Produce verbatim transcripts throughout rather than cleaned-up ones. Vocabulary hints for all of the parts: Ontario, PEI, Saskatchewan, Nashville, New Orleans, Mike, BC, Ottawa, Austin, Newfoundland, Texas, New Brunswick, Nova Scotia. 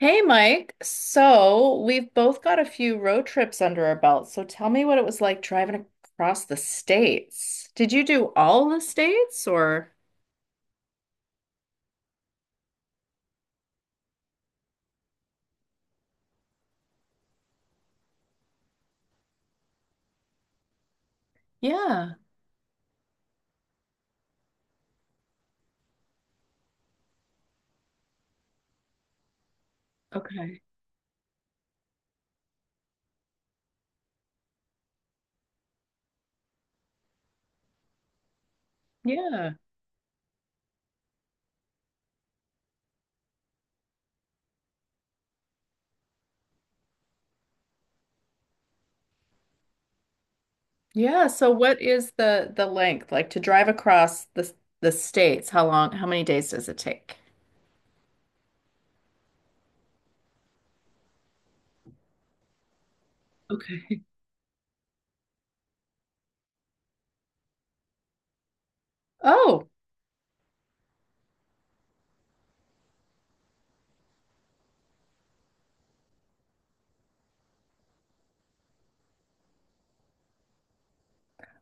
Hey Mike, so we've both got a few road trips under our belts. So tell me what it was like driving across the states. Did you do all the states or? Yeah. Okay. Yeah. Yeah. So what is the the length like to drive across the the states? How long? How many days does it take? Okay. Oh,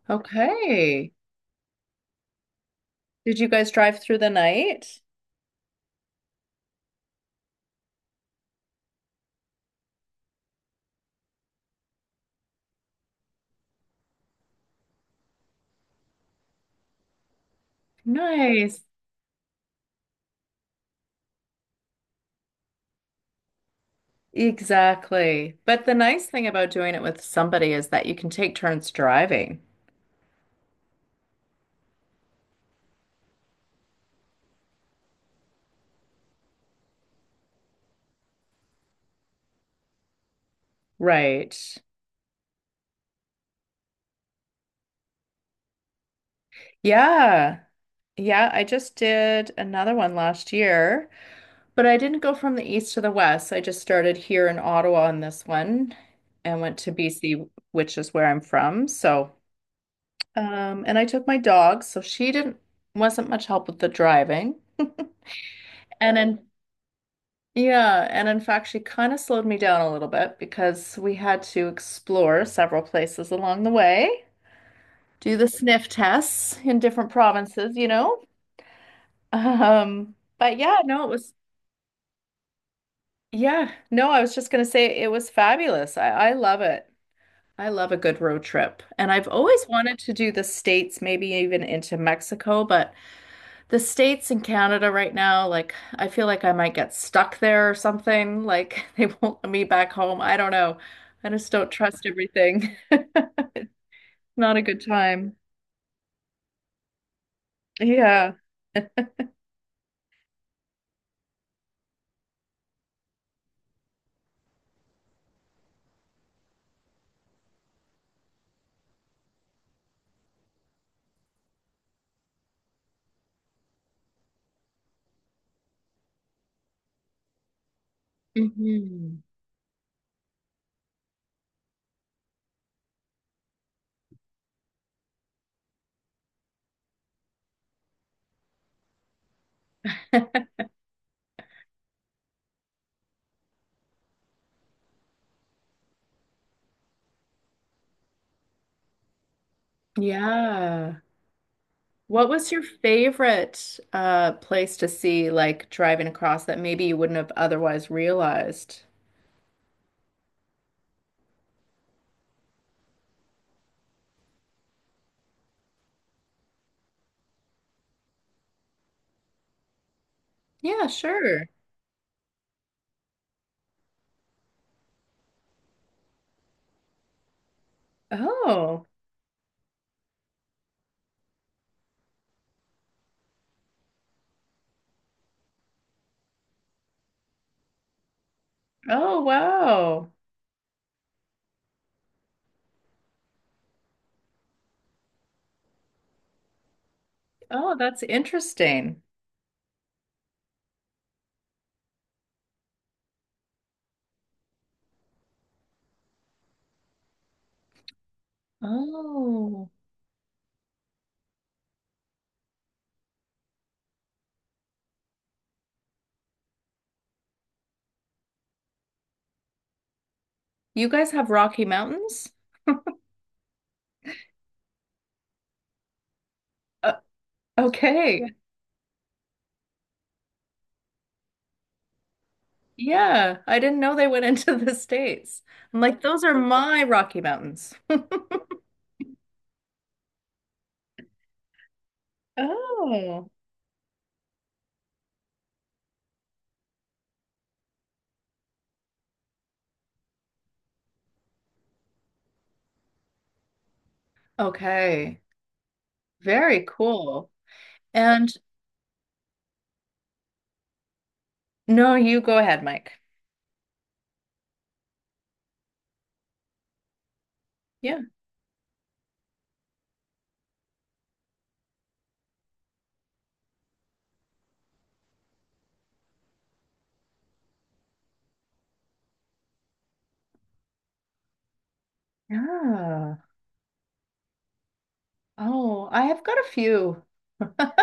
okay. Did you guys drive through the night? Nice. Exactly. But the nice thing about doing it with somebody is that you can take turns driving. Right. Yeah. Yeah, I just did another one last year, but I didn't go from the east to the west. I just started here in Ottawa on this one and went to B C, which is where I'm from. So, um, and I took my dog, so she didn't wasn't much help with the driving. And in Yeah, and in fact, she kind of slowed me down a little bit because we had to explore several places along the way, do the sniff tests in different provinces, you know. Um, but yeah, no, it was yeah, no, I was just gonna say it was fabulous. I, I love it. I love a good road trip, and I've always wanted to do the States, maybe even into Mexico, but the States and Canada right now, like I feel like I might get stuck there or something. Like they won't let me back home. I don't know. I just don't trust everything. Not a good time. Yeah. Hmm. Yeah. What was your favorite uh place to see like driving across that maybe you wouldn't have otherwise realized? Yeah, sure. Oh. Oh, wow. Oh, that's interesting. Oh. You guys have Rocky Mountains? Uh, okay. Yeah, I didn't know they went into the States. I'm like, those are my Rocky Mountains. Oh, okay. Very cool. And no, you go ahead, Mike. Yeah. Yeah. Oh, I have got a few.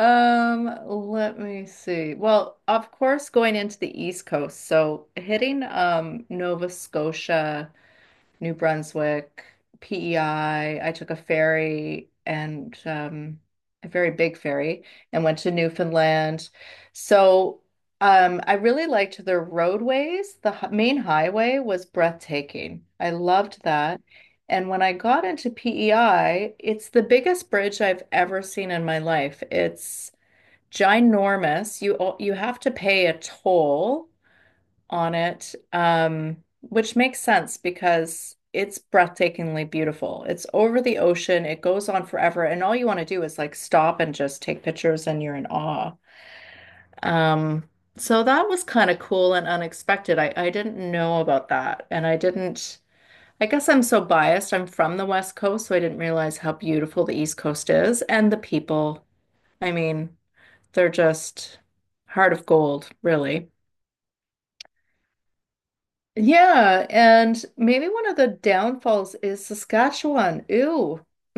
Um, let me see. Well, of course, going into the East Coast, so hitting um Nova Scotia, New Brunswick, P E I. I I took a ferry and um, a very big ferry and went to Newfoundland. So um, I really liked the roadways. The h- main highway was breathtaking. I loved that. And when I got into P E I, it's the biggest bridge I've ever seen in my life. It's ginormous. You o- you have to pay a toll on it, um, which makes sense because it's breathtakingly beautiful. It's over the ocean, it goes on forever, and all you want to do is like stop and just take pictures and you're in awe. Um, so that was kind of cool and unexpected. I, I didn't know about that, and I didn't. I guess I'm so biased. I'm from the West Coast, so I didn't realize how beautiful the East Coast is and the people. I mean, they're just heart of gold, really. Yeah, and maybe one of the downfalls is Saskatchewan. Ew.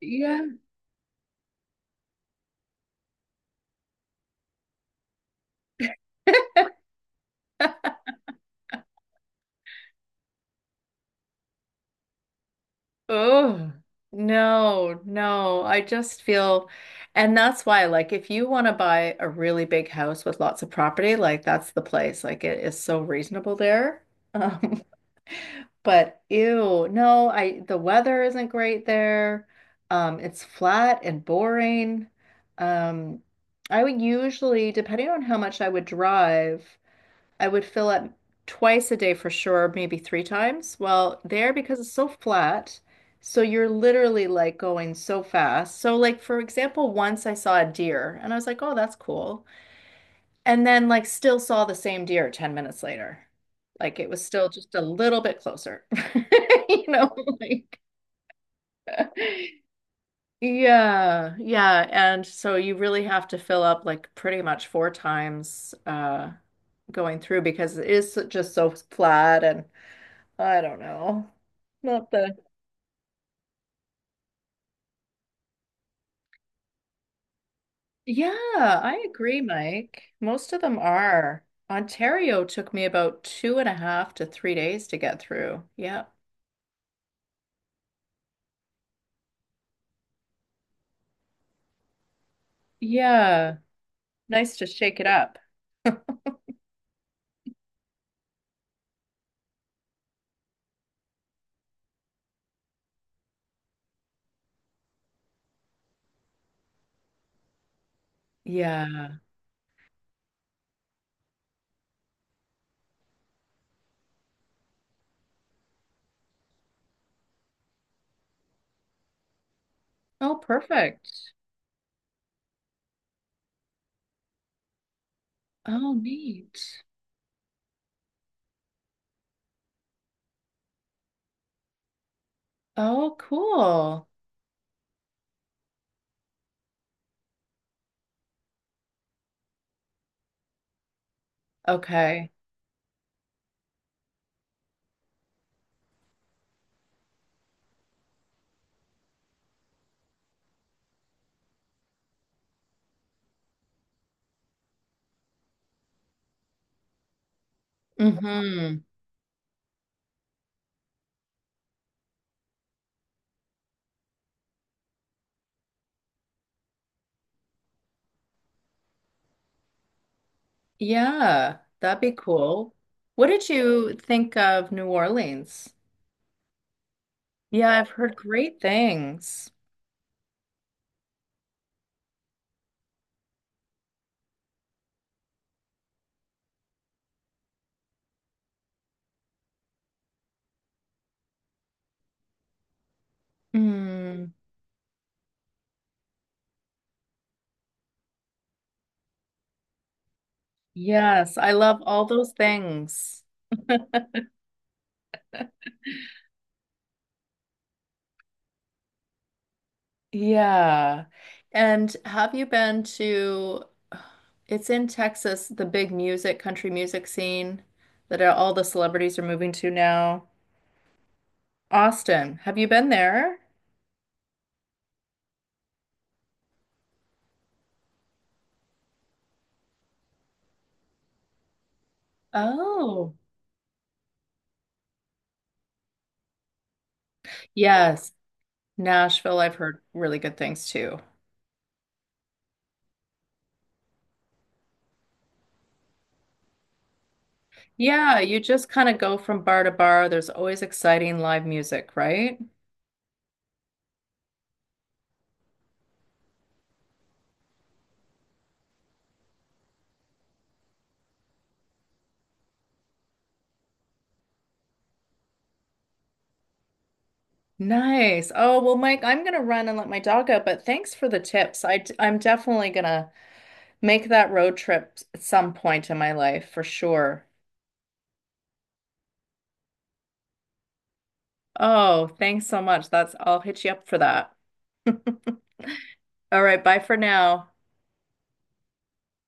Yeah. Oh, no, no. I just feel, and that's why, like, if you want to buy a really big house with lots of property, like, that's the place. Like, it is so reasonable there. Um, but ew, no, I, the weather isn't great there. Um, it's flat and boring. Um, I would usually, depending on how much I would drive, I would fill it twice a day for sure, maybe three times. Well, there because it's so flat, so you're literally like going so fast. So like for example, once I saw a deer and I was like, "Oh, that's cool." And then like still saw the same deer ten minutes later. Like it was still just a little bit closer. You know, like yeah, yeah. And so you really have to fill up like pretty much four times uh going through because it is just so flat and I don't know. Not the. Yeah, I agree, Mike. Most of them are. Ontario took me about two and a half to three days to get through. Yeah. Yeah. Nice to shake it up. Yeah. Oh, perfect. Oh, neat. Oh, cool. Okay. Mm-hmm. Yeah, that'd be cool. What did you think of New Orleans? Yeah, I've heard great things. Hmm. Yes, I love all those things. Yeah. And have you been to, it's in Texas, the big music, country music scene that all the celebrities are moving to now? Austin, have you been there? Oh, yes. Nashville, I've heard really good things too. Yeah, you just kind of go from bar to bar. There's always exciting live music, right? Nice. Oh, well, Mike, I'm gonna run and let my dog out, but thanks for the tips. I d I'm definitely gonna make that road trip s- at some point in my life for sure. Oh, thanks so much. That's I'll hit you up for that. All right, bye for now.